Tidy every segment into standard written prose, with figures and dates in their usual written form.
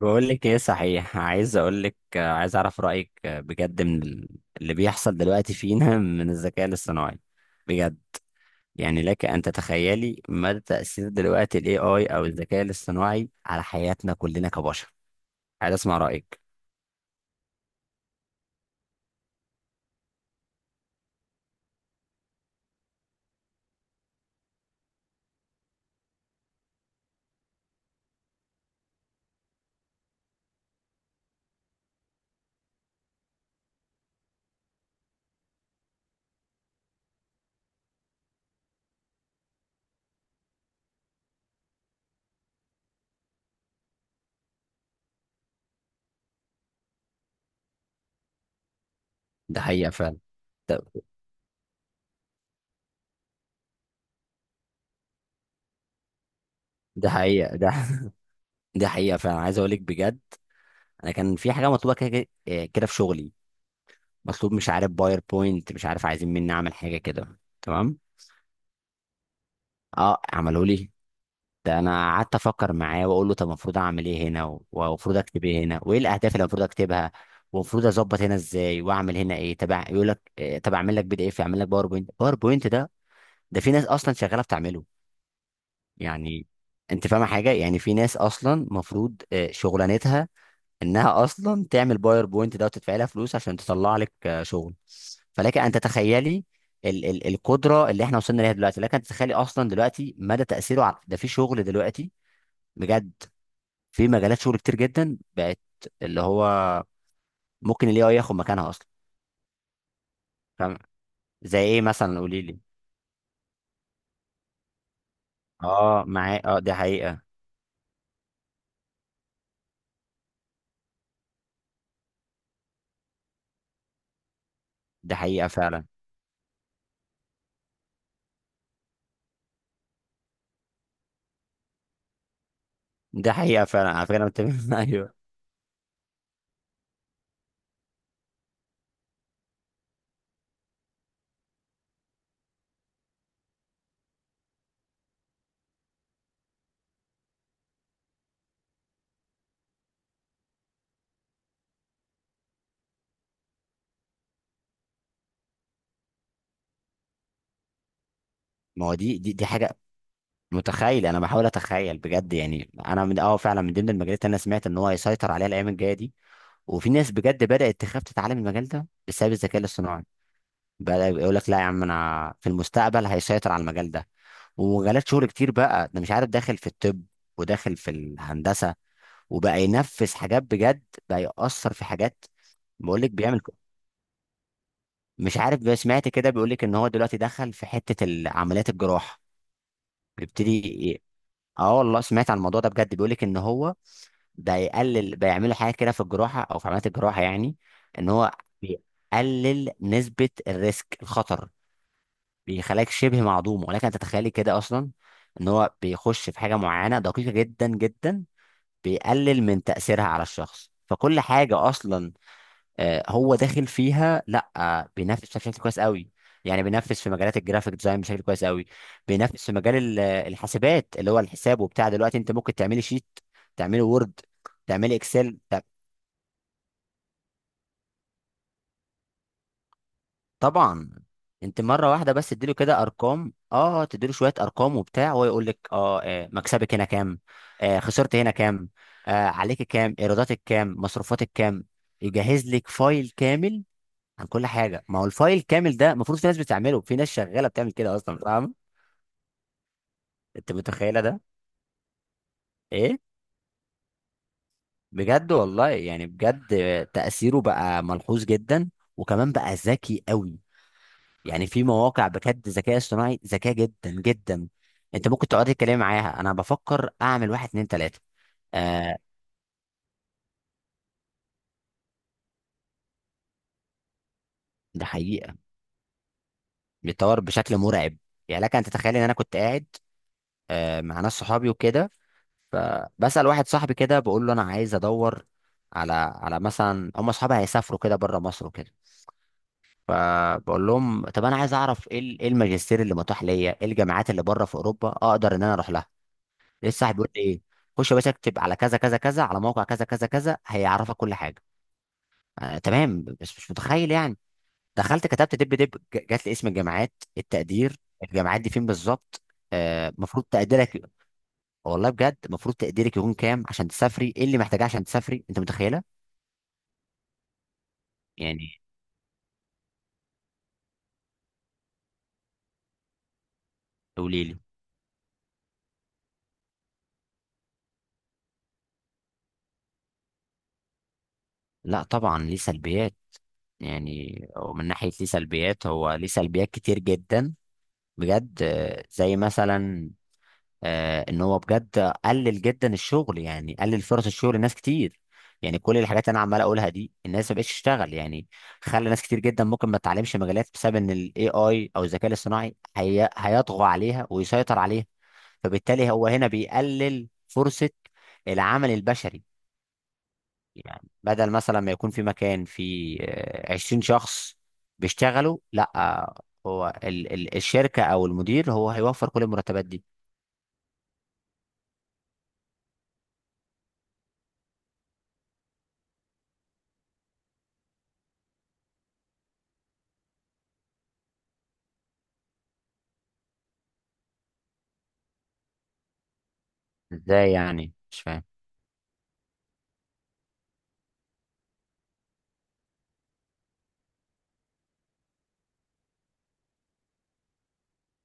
بقول لك ايه؟ صحيح عايز اقول لك، عايز اعرف رايك، بجد. اللي بيحصل دلوقتي فينا من الذكاء الاصطناعي بجد، يعني لك ان تتخيلي مدى تاثير دلوقتي الاي اي او الذكاء الاصطناعي على حياتنا كلنا كبشر. عايز اسمع رايك. ده حقيقه فعلا. ده, ده حقيقه ده. ده حقيقه فعلا، عايز اقول لك بجد، انا كان في حاجه مطلوبه كده كده، كده في شغلي، مطلوب مش عارف باوربوينت، مش عارف عايزين مني اعمل حاجه كده، تمام. اه، عملوا لي ده. انا قعدت افكر معاه واقول له طب المفروض اعمل ايه هنا، والمفروض اكتب ايه هنا، وايه الاهداف اللي المفروض اكتبها، والمفروض اظبط هنا ازاي، واعمل هنا ايه تبع، يقول لك طب اعمل لك بي دي اف، اعمل لك باوربوينت. باوربوينت ده، ده في ناس اصلا شغاله بتعمله، يعني. انت فاهم حاجه؟ يعني في ناس اصلا المفروض شغلانتها انها اصلا تعمل باوربوينت ده وتدفع لها فلوس عشان تطلع لك شغل. فلك ان تتخيلي ال القدره اللي احنا وصلنا ليها دلوقتي. لك ان تتخيلي اصلا دلوقتي مدى تاثيره على ده في شغل دلوقتي، بجد. في مجالات شغل كتير جدا بقت اللي هو ممكن الاي اي ياخد مكانها اصلا، فاهم؟ زي ايه مثلا؟ قولي لي. اه، معايا، اه، دي حقيقة. دي حقيقة فعلا. دي حقيقة فعلا، على فكرة انا متفق. ايوه. ما هو دي حاجة متخيل. انا بحاول اتخيل بجد، يعني انا من اه فعلا من ضمن المجالات اللي انا سمعت ان هو هيسيطر عليها الايام الجاية دي. وفي ناس بجد بدأت تخاف تتعلم المجال ده بسبب الذكاء الاصطناعي. بقى يقول لك لا يا عم، انا في المستقبل هيسيطر على المجال ده، ومجالات شغل كتير. بقى ده مش عارف داخل في الطب، وداخل في الهندسه، وبقى ينفذ حاجات بجد، بقى يأثر في حاجات. بقول لك مش عارف بقى، سمعت كده بيقول لك ان هو دلوقتي دخل في حته عمليات الجراحه. بيبتدي ي- اه والله، سمعت عن الموضوع ده بجد. بيقول لك ان هو ده يقلل، بيعملوا حاجه كده في الجراحه او في عمليات الجراحه، يعني ان هو بيقلل نسبه الريسك، الخطر، بيخليك شبه معدوم. ولكن تتخيلي كده اصلا ان هو بيخش في حاجه معينه دقيقه جدا جدا، بيقلل من تاثيرها على الشخص. فكل حاجه اصلا هو داخل فيها، لا بينافس بشكل كويس قوي. يعني بينافس في مجالات الجرافيك ديزاين بشكل كويس قوي، بينافس في مجال الحاسبات، اللي هو الحساب وبتاع. دلوقتي انت ممكن تعملي شيت، تعملي وورد، تعملي اكسل. طبعا. انت مره واحده بس تديله كده ارقام، اه تديله شويه ارقام وبتاع، وهو يقول لك اه، مكسبك هنا كام، آه خسرت هنا كام، آه عليك كام، ايراداتك كام، مصروفاتك كام، يجهز لك فايل كامل عن كل حاجه. ما هو الفايل كامل ده المفروض في ناس بتعمله، في ناس شغاله بتعمل كده اصلا، فاهم؟ انت متخيله ده؟ ايه؟ بجد والله يعني، بجد تاثيره بقى ملحوظ جدا، وكمان بقى ذكي قوي. يعني في مواقع بجد ذكاء اصطناعي ذكاء جدا جدا، انت ممكن تقعد تتكلم معاها. انا بفكر اعمل واحد اتنين تلاته. آه، ده حقيقه، بيتطور بشكل مرعب. يعني لك ان تتخيل ان انا كنت قاعد آه مع ناس صحابي وكده، فبسال واحد صاحبي كده، بقول له انا عايز ادور على على مثلا، هم اصحابي هيسافروا كده بره مصر وكده، فبقول لهم طب انا عايز اعرف ايه ايه الماجستير اللي متاح ليا، ايه الجامعات اللي بره في اوروبا اقدر ان انا اروح لها. لسه هيقول لي ايه؟ خش يا باشا اكتب على كذا كذا كذا، على موقع كذا كذا كذا، هيعرفك كل حاجه. آه تمام، بس مش متخيل يعني. دخلت كتبت دب دب جات لي اسم الجامعات، التقدير، الجامعات دي فين بالظبط، المفروض آه مفروض تقديرك. والله بجد، المفروض تقديرك يكون كام عشان تسافري، ايه اللي محتاجاه عشان تسافري. انت متخيله؟ يعني. قولي لي. لا طبعا ليه سلبيات. يعني ومن ناحيه ليه سلبيات، هو ليه سلبيات كتير جدا بجد زي مثلا ان هو بجد قلل جدا الشغل، يعني قلل فرص الشغل لناس كتير. يعني كل الحاجات اللي انا عمال اقولها دي، الناس ما بقتش تشتغل، يعني خلى ناس كتير جدا ممكن ما تتعلمش مجالات بسبب ان الاي اي او الذكاء الاصطناعي هي... هيطغى عليها ويسيطر عليها. فبالتالي هو هنا بيقلل فرصة العمل البشري. يعني بدل مثلا ما يكون في مكان فيه 20 شخص بيشتغلوا، لا هو الشركة او المدير هو هيوفر كل المرتبات دي. ازاي يعني؟ مش فاهم.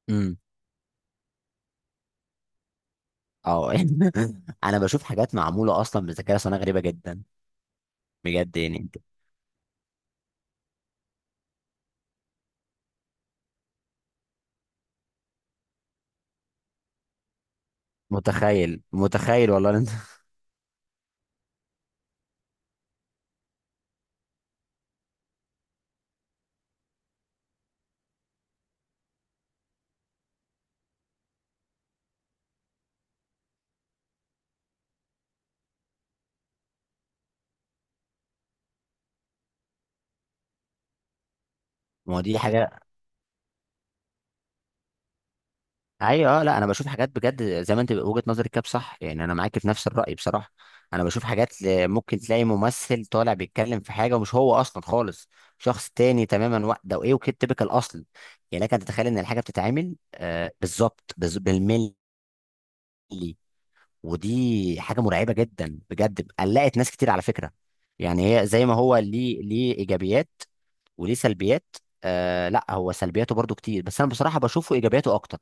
امم اه. يعني انا بشوف حاجات معموله اصلا بالذكاء الاصطناعي غريبه جدا، بجد يعني. انت متخيل؟ متخيل والله إن انت. ما هو دي حاجه. ايوه، اه. لا انا بشوف حاجات بجد زي ما انت وجهه نظرك كده، صح، يعني انا معاك في نفس الراي بصراحه. انا بشوف حاجات ممكن تلاقي ممثل طالع بيتكلم في حاجه، ومش هو اصلا خالص، شخص تاني تماما، ده وايه وكده تبقى الاصل. يعني لك ان تتخيل ان الحاجه بتتعمل آه بالظبط بالملي، ودي حاجه مرعبه جدا بجد، قلقت ناس كتير على فكره. يعني هي زي ما هو ليه، ليه ايجابيات وليه سلبيات. آه لا، هو سلبياته برضو كتير، بس انا بصراحه بشوفه ايجابياته اكتر.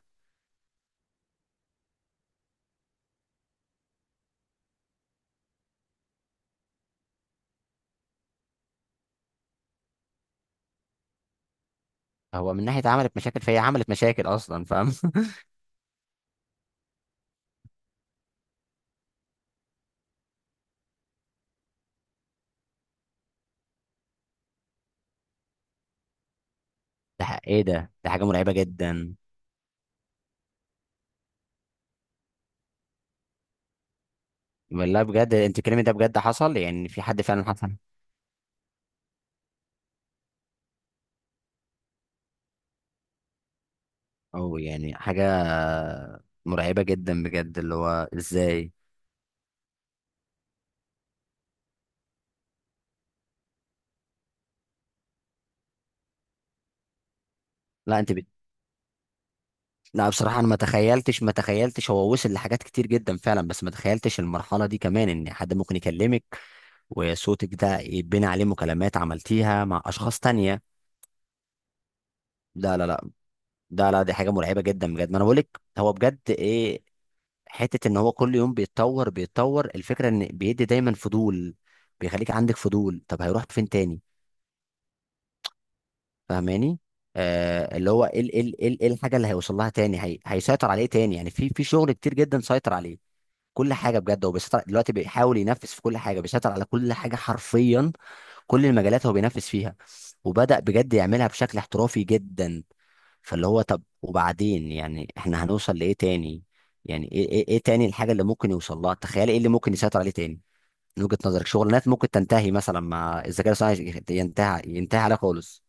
هو من ناحيه عملت مشاكل، فهي عملت مشاكل اصلا، فاهم؟ ايه ده؟ ده حاجه مرعبه جدا. والله بجد، انت الكلام ده بجد حصل؟ يعني في حد فعلا حصل؟ او يعني حاجه مرعبه جدا بجد، اللي هو ازاي؟ لا انت. لا بصراحة أنا ما تخيلتش، ما تخيلتش هو وصل لحاجات كتير جدا فعلا، بس ما تخيلتش المرحلة دي كمان، إن حد ممكن يكلمك وصوتك ده يتبني عليه مكالمات عملتيها مع أشخاص تانية. لا لا لا. ده لا، دي حاجة مرعبة جدا بجد. ما أنا بقولك هو بجد إيه، حتة إن هو كل يوم بيتطور بيتطور، الفكرة إن بيدي دايما فضول، بيخليك عندك فضول. طب هيروح فين تاني؟ فاهماني؟ آه. اللي هو إيه إيه الحاجة اللي هيوصل لها تاني؟ هي... هيسيطر عليه تاني. يعني في في شغل كتير جدا سيطر عليه، كل حاجه بجد هو بيسيطر، دلوقتي بيحاول ينفذ في كل حاجه، بيسيطر على كل حاجه حرفيا. كل المجالات هو بينفذ فيها، وبدأ بجد يعملها بشكل احترافي جدا. فاللي هو طب وبعدين؟ يعني احنا هنوصل لايه تاني؟ يعني إيه تاني الحاجه اللي ممكن يوصل لها؟ تخيل ايه اللي ممكن يسيطر عليه تاني. من وجهة نظرك شغلانات ممكن تنتهي مثلا مع الذكاء الاصطناعي، ينتهي عليها خالص؟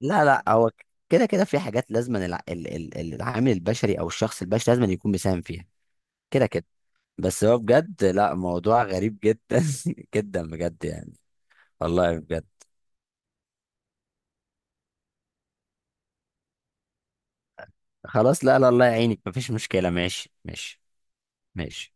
لا لا، هو كده كده في حاجات لازم العامل البشري او الشخص البشري لازم يكون مساهم فيها، كده كده. بس هو بجد لا، موضوع غريب جدا جدا، بجد يعني. والله بجد. خلاص لا لا، الله يعينك، مفيش مشكلة. ماشي ماشي ماشي.